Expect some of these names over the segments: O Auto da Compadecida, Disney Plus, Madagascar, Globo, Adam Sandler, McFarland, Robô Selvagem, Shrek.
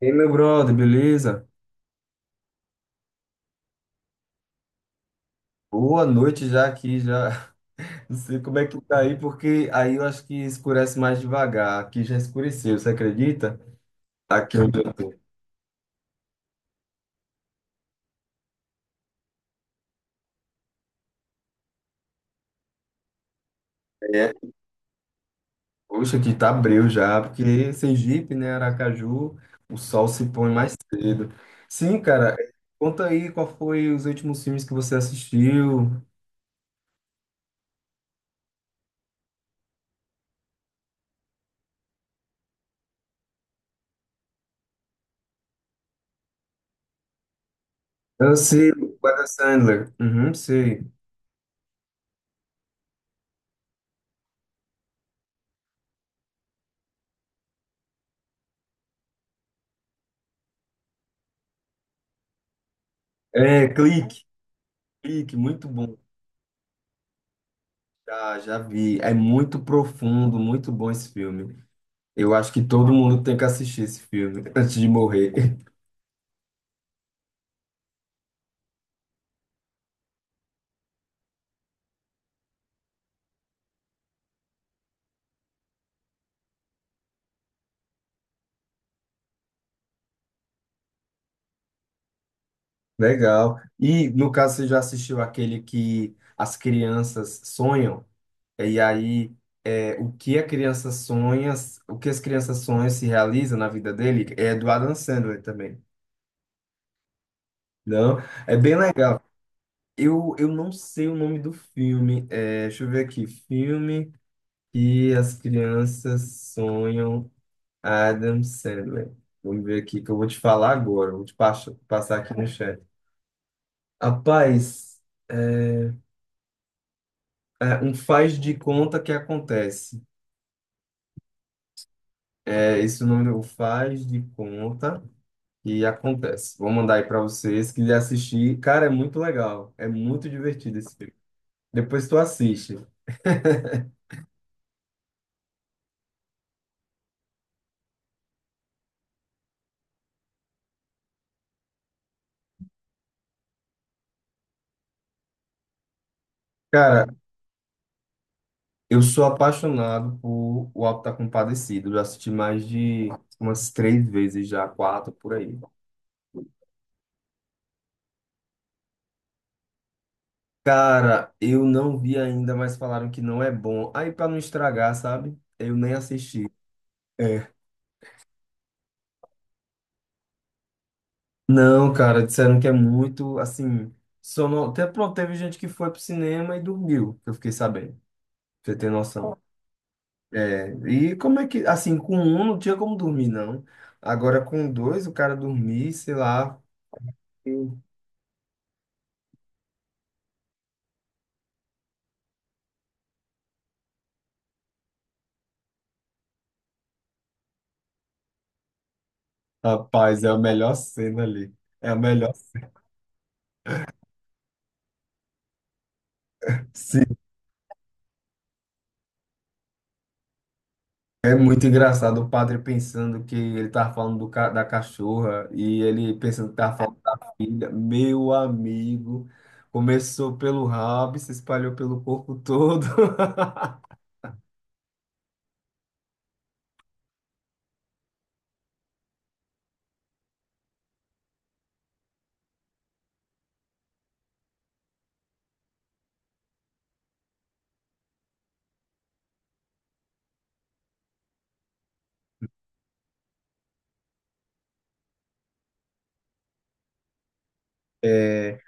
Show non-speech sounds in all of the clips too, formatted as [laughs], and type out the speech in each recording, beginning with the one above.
Ei, meu brother, beleza? Boa noite já aqui, já. [laughs] Não sei como é que tá aí, porque aí eu acho que escurece mais devagar. Aqui já escureceu, você acredita? Aqui onde eu tô. É, poxa, aqui tá breu já, porque Sergipe, né, Aracaju, o sol se põe mais cedo. Sim, cara, conta aí qual foi os últimos filmes que você assistiu. Eu sei, o Adam Sandler. Uhum, sei. É, Clique, Clique, muito bom. Já, já vi. É muito profundo, muito bom esse filme. Eu acho que todo mundo tem que assistir esse filme [laughs] antes de morrer. [laughs] Legal. E no caso, você já assistiu aquele que as crianças sonham? E aí, é, o que a criança sonha, o que as crianças sonham se realiza na vida dele? É do Adam Sandler também. Não? É bem legal. Eu não sei o nome do filme. É, deixa eu ver aqui. Filme que as crianças sonham. Adam Sandler. Vamos ver aqui que eu vou te falar agora. Vou te passar aqui no chat. Rapaz, é, um faz de conta que acontece. É esse o nome, o faz de conta que acontece. Vou mandar aí pra vocês que assistir. Cara, é muito legal. É muito divertido esse filme. Depois tu assiste. [laughs] Cara, eu sou apaixonado por O Auto da Compadecida. Eu já assisti mais de umas três vezes já, quatro por aí. Cara, eu não vi ainda, mas falaram que não é bom. Aí, pra não estragar, sabe? Eu nem assisti. É. Não, cara, disseram que é muito, assim, sono... Até, pronto, teve gente que foi pro cinema e dormiu, que eu fiquei sabendo, pra você ter noção. É, e como é que, assim, com um não tinha como dormir, não. Agora, com dois, o cara dormir, sei lá. Rapaz, é a melhor cena ali. É a melhor. É muito engraçado o padre pensando que ele tava falando da cachorra e ele pensando que tava falando da filha. Meu amigo, começou pelo rabo e se espalhou pelo corpo todo. [laughs]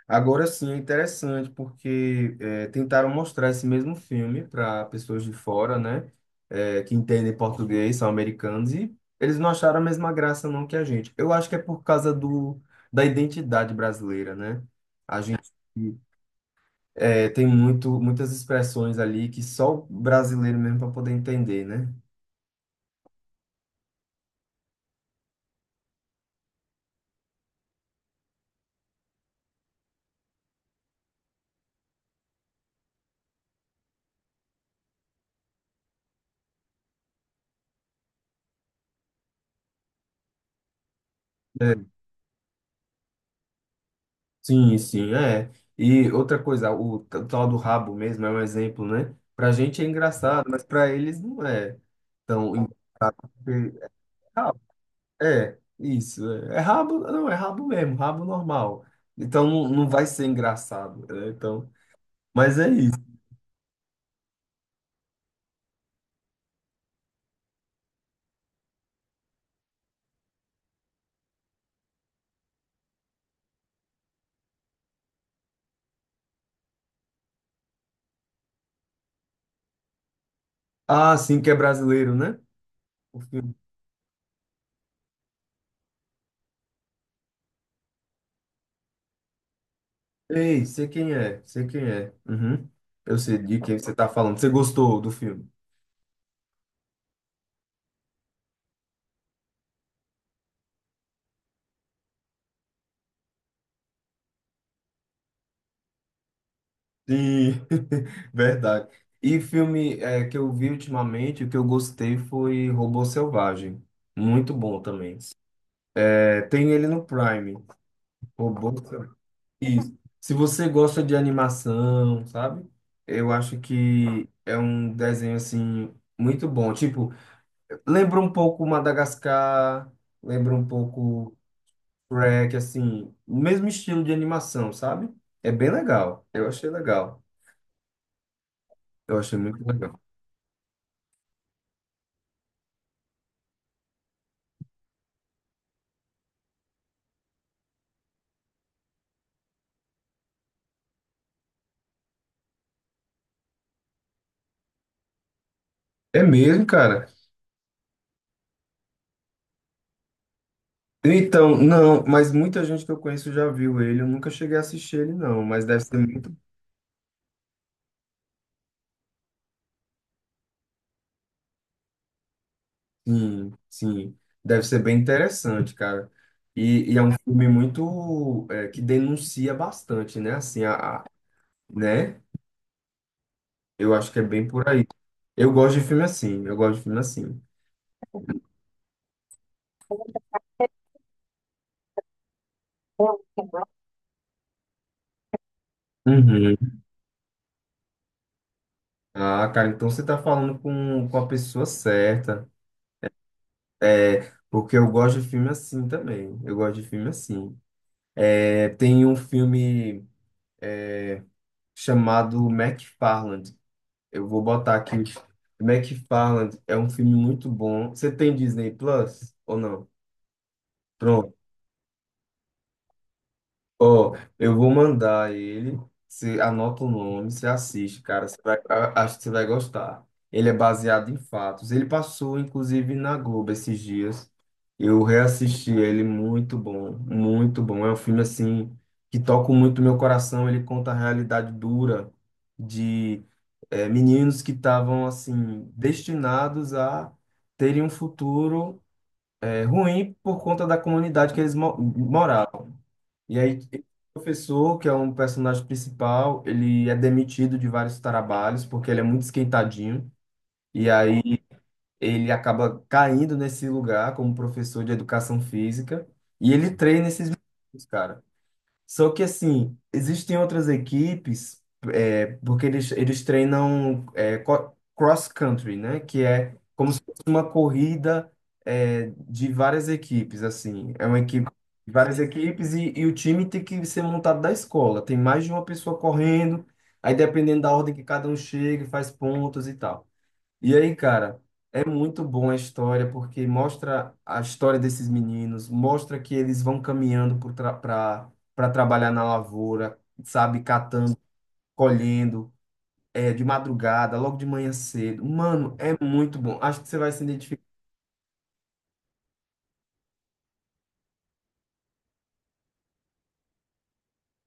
Agora sim, é interessante porque é, tentaram mostrar esse mesmo filme para pessoas de fora, né? É, que entendem português, são americanos, e eles não acharam a mesma graça não que a gente. Eu acho que é por causa do, da identidade brasileira, né? A gente é, tem muito, muitas expressões ali que só o brasileiro mesmo para poder entender, né? É, sim, sim, é. E outra coisa, o tal do rabo mesmo é um exemplo, né? Pra gente é engraçado, mas pra eles não é. Então, rabo, é, isso. É, é rabo, não, é rabo mesmo, rabo normal. Então não, não vai ser engraçado, né? Então, mas é isso. Ah, sim, que é brasileiro, né? Ei, sei quem é, sei quem é. Uhum. Eu sei de quem você tá falando. Você gostou do filme? Sim, [laughs] verdade. E filme é, que eu vi ultimamente, o que eu gostei foi Robô Selvagem. Muito bom também. É, tem ele no Prime. Robô Selvagem. Isso. Se você gosta de animação, sabe? Eu acho que é um desenho assim muito bom. Tipo, lembra um pouco Madagascar, lembra um pouco Shrek, assim, no mesmo estilo de animação, sabe? É bem legal. Eu achei legal. Eu achei muito legal. É mesmo, cara? Então, não, mas muita gente que eu conheço já viu ele. Eu nunca cheguei a assistir ele, não. Mas deve ser muito. Sim, sim. Deve ser bem interessante, cara. E é um filme muito. É, que denuncia bastante, né? Assim, né? Eu acho que é bem por aí. Eu gosto de filme assim. Eu gosto de filme assim. Uhum. Ah, cara, então você tá falando com a pessoa certa. É, porque eu gosto de filme assim também. Eu gosto de filme assim. É, tem um filme é, chamado McFarland. Eu vou botar aqui. McFarland é um filme muito bom. Você tem Disney Plus ou não? Ó, eu vou mandar ele. Você anota o nome, você assiste, cara. Você vai, acho que você vai gostar. Ele é baseado em fatos. Ele passou, inclusive, na Globo esses dias. Eu reassisti ele, muito bom, muito bom. É um filme, assim, que toca muito meu coração. Ele conta a realidade dura de meninos que estavam, assim, destinados a terem um futuro ruim por conta da comunidade que eles mo moravam. E aí, esse professor, que é um personagem principal, ele é demitido de vários trabalhos porque ele é muito esquentadinho. E aí ele acaba caindo nesse lugar como professor de educação física. E ele treina esses meninos, cara. Só que assim, existem outras equipes, é, porque eles treinam é, cross-country, né? Que é como se fosse uma corrida é, de várias equipes, assim. É uma equipe várias equipes e o time tem que ser montado da escola. Tem mais de uma pessoa correndo, aí dependendo da ordem que cada um chega, faz pontos e tal. E aí, cara, é muito bom a história porque mostra a história desses meninos, mostra que eles vão caminhando para trabalhar na lavoura, sabe, catando, colhendo, é, de madrugada, logo de manhã cedo. Mano, é muito bom. Acho que você vai se identificar.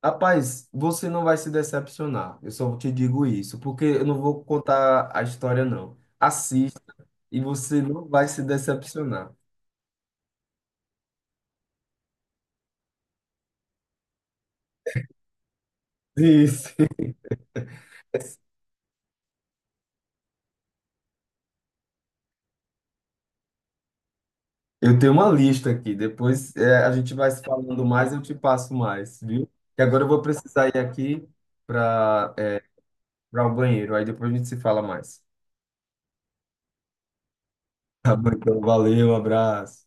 Rapaz, você não vai se decepcionar. Eu só te digo isso, porque eu não vou contar a história, não. Assista e você não vai se decepcionar. Isso. [laughs] Eu tenho uma lista aqui. Depois é, a gente vai se falando mais, eu te passo mais, viu? Que agora eu vou precisar ir aqui para para o banheiro. Aí depois a gente se fala mais. Tá bom, então, valeu, abraço.